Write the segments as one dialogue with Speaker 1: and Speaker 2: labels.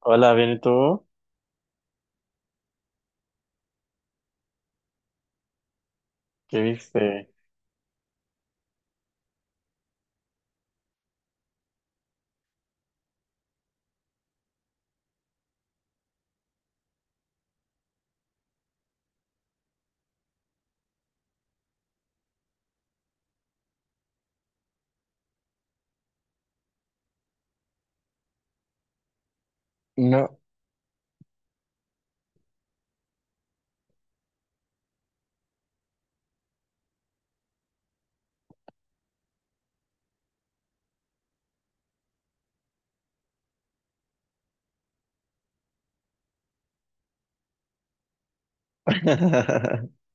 Speaker 1: Hola, bien, ¿y tú? ¿Qué viste? No,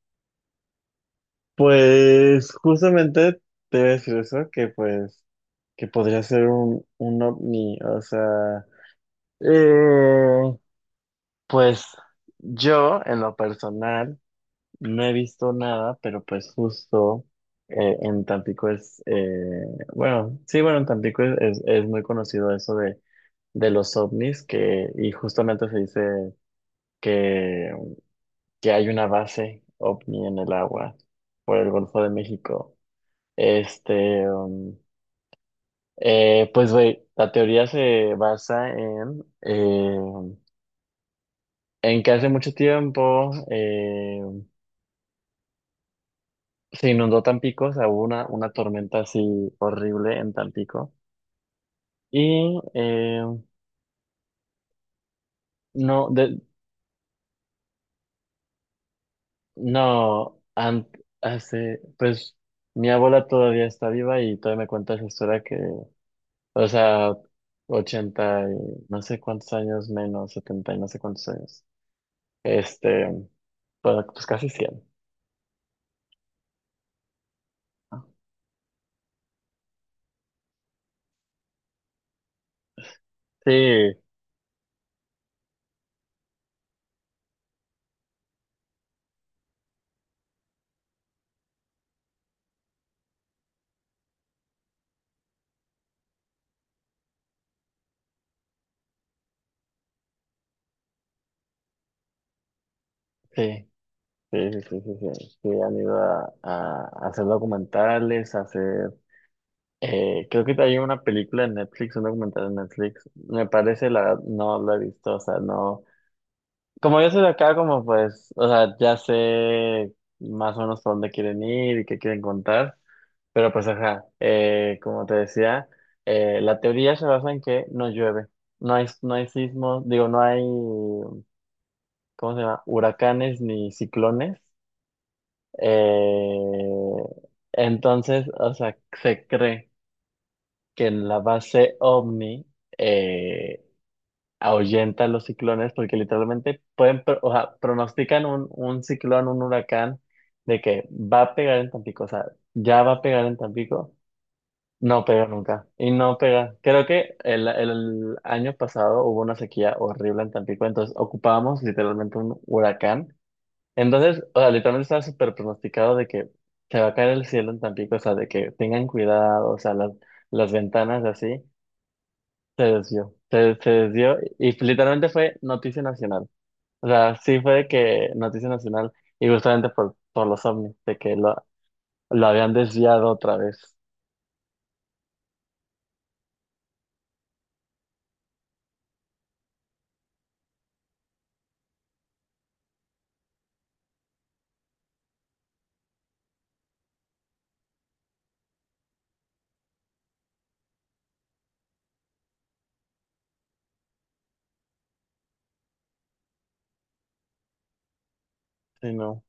Speaker 1: pues justamente te iba a decir eso, que pues, que podría ser un ovni, o sea, eh, pues yo en lo personal no he visto nada, pero pues justo, en Tampico es, bueno, sí, bueno, en Tampico es muy conocido eso de los ovnis, que, y justamente se dice. Que que hay una base ovni en el agua por el Golfo de México. Este, pues, güey, la teoría se basa en que hace mucho tiempo, se inundó Tampico, o sea, hubo una tormenta así horrible en Tampico. Y no, de, no, an- hace, pues, mi abuela todavía está viva y todavía me cuenta esa historia. Que, o sea, 80 y no sé cuántos años, menos, 70 y no sé cuántos años. Este, bueno, pues casi cien. Sí, sí, sí, sí, sí, sí, sí. Sí, han ido a hacer documentales, a hacer. Creo que hay una película en Netflix, un documental en Netflix. Me parece, la verdad, no lo he visto, o sea, no. Como yo soy de acá, como pues, o sea, ya sé más o menos por dónde quieren ir y qué quieren contar. Pero pues ajá, como te decía, la teoría se basa en que no llueve. No hay sismos, digo, no hay, ¿cómo se llama? Huracanes ni ciclones. Eh, entonces, o sea, se cree que en la base OVNI eh, ahuyenta los ciclones porque literalmente pueden, o sea, pronostican un ciclón, un huracán, de que va a pegar en Tampico, o sea, ya va a pegar en Tampico. No pega nunca. Y no pega. Creo que el año pasado hubo una sequía horrible en Tampico, entonces ocupábamos literalmente un huracán. Entonces, o sea, literalmente estaba súper pronosticado de que se va a caer el cielo en Tampico, o sea, de que tengan cuidado, o sea, las ventanas así, se desvió. Se desvió y literalmente fue noticia nacional. O sea, sí fue de que noticia nacional y justamente por los ovnis, de que lo habían desviado otra vez. Sí, no.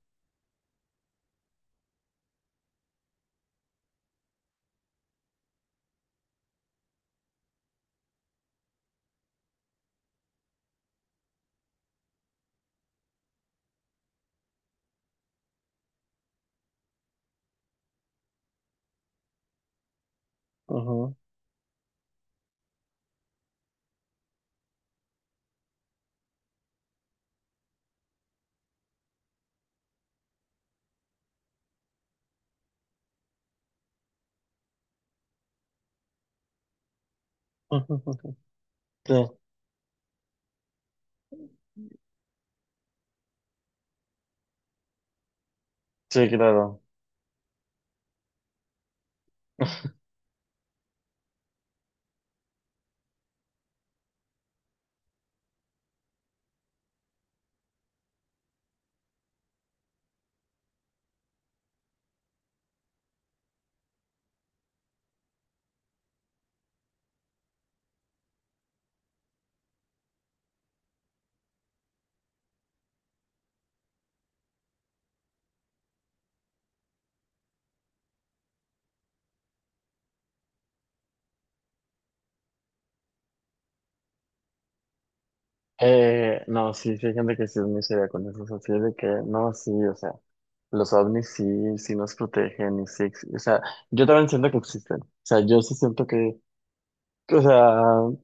Speaker 1: Ujú. Sí, claro. No, sí, sí hay gente que sí es muy seria con eso, o sea, sí es de que, no, sí, o sea, los ovnis sí, sí nos protegen y sí, o sea, yo también siento que existen, o sea, yo sí siento que, o sea,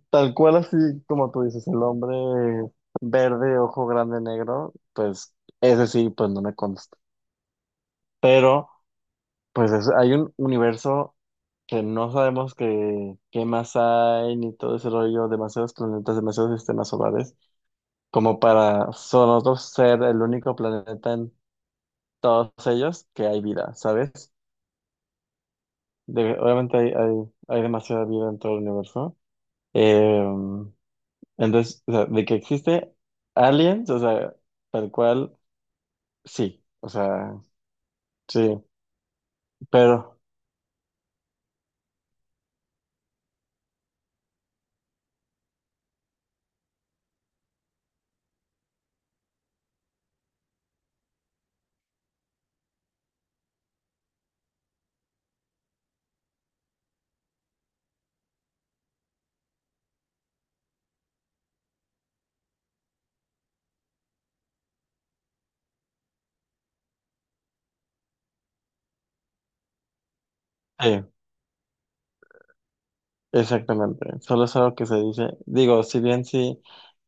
Speaker 1: tal cual así como tú dices, el hombre verde, ojo grande, negro, pues ese sí, pues no me consta, pero pues hay un universo que no sabemos qué, qué más hay, ni todo ese rollo, demasiados planetas, demasiados sistemas solares, como para nosotros ser el único planeta en todos ellos que hay vida, ¿sabes? Obviamente hay demasiada vida en todo el universo. Eh, entonces, o sea, de que existe aliens, o sea, tal cual, sí, o sea, sí, pero, sí, exactamente, solo es algo que se dice, digo, si bien sí,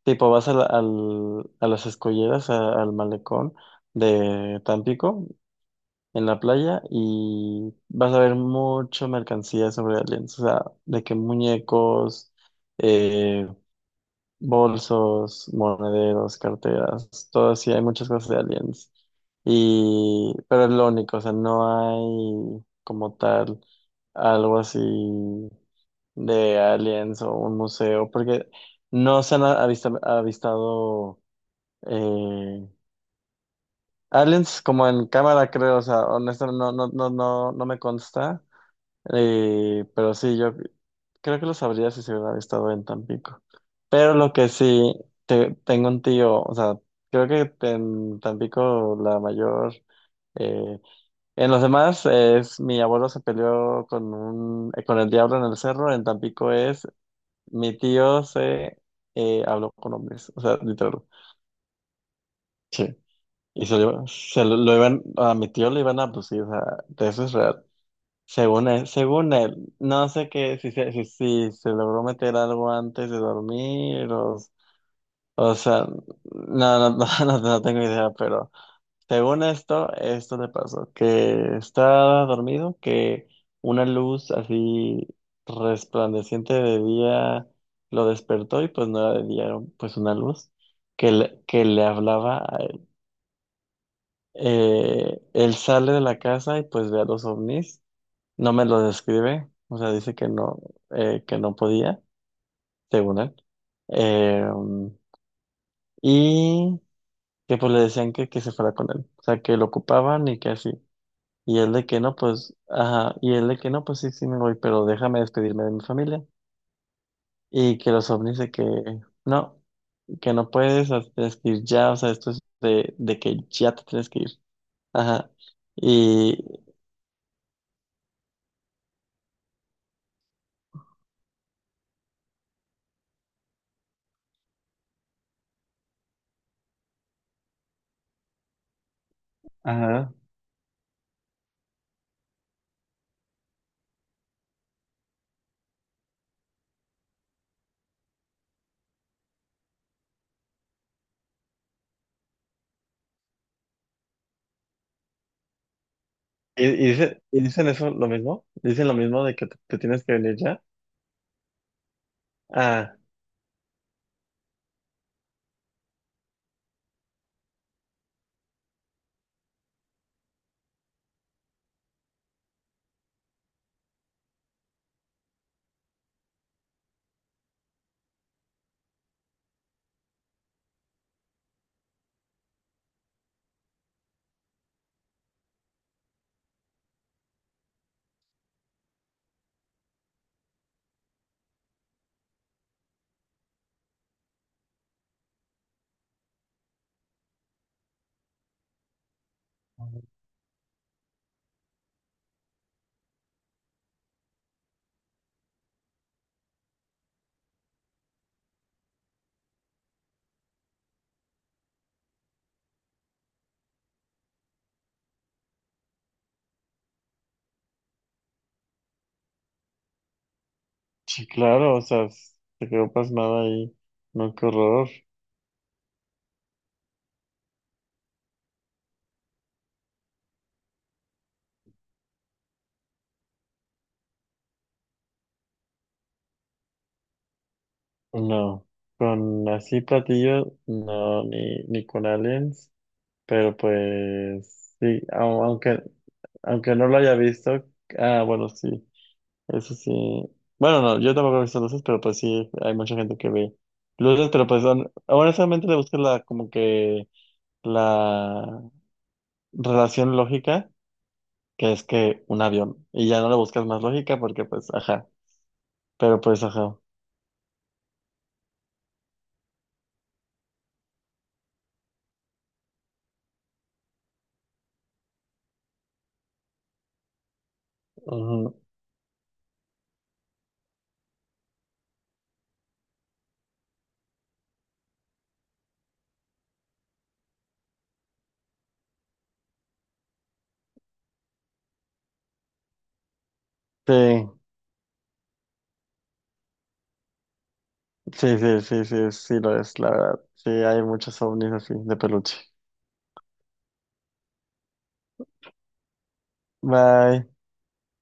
Speaker 1: tipo vas a, al, a las escolleras, al malecón de Tampico, en la playa y vas a ver mucho mercancía sobre aliens, o sea, de que muñecos, eh, bolsos, monederos, carteras, todo así, hay muchas cosas de aliens. Y, pero es lo único, o sea, no hay como tal algo así de aliens o un museo, porque no se han avistado eh, aliens como en cámara, creo, o sea, honestamente no, no, no, no, no me consta. Pero sí, yo creo que lo sabría si se hubiera estado en Tampico. Pero lo que sí, tengo un tío, o sea, creo que en Tampico la mayor, eh, en los demás es mi abuelo se peleó con un, con el diablo en el cerro, en Tampico es mi tío se habló con hombres, o sea, literal. Sí. Y se lo, iban, a mi tío le iban a abducir, o sea, de eso es real. Según él, no sé qué, si se logró meter algo antes de dormir o sea, no, no, no, no, no tengo idea, pero según esto le pasó, que estaba dormido, que una luz así resplandeciente de día lo despertó y pues no era de día, era pues una luz que le hablaba a él. Él sale de la casa y pues ve a los ovnis. No me lo describe, o sea, dice que no podía, según él. Eh, y que pues le decían que se fuera con él, o sea, que lo ocupaban y que así. Y él de que no, pues, ajá, y él de que no, pues sí, sí me voy, pero déjame despedirme de mi familia. Y que los ovnis de no, que no puedes, o sea, tienes que ir ya, o sea, esto es de que ya te tienes que ir. Ajá. Y, ajá. Y dicen eso lo mismo, dicen lo mismo de que te tienes que venir ya. Ah, sí, claro, o sea, se quedó pasmada ahí. No, qué horror. No, con así platillos, no, ni, ni con aliens, pero pues sí, aunque no lo haya visto, ah, bueno, sí, eso sí. Bueno, no, yo tampoco he visto luces, pero pues sí, hay mucha gente que ve luces, pero pues honestamente le busco la, como que la relación lógica, que es que un avión, y ya no le buscas más lógica porque pues, ajá. Pero pues, ajá. Ujú. Sí, sí, sí, sí, sí, sí lo es, la verdad. Sí, hay muchos ovnis así, de peluche. Bye.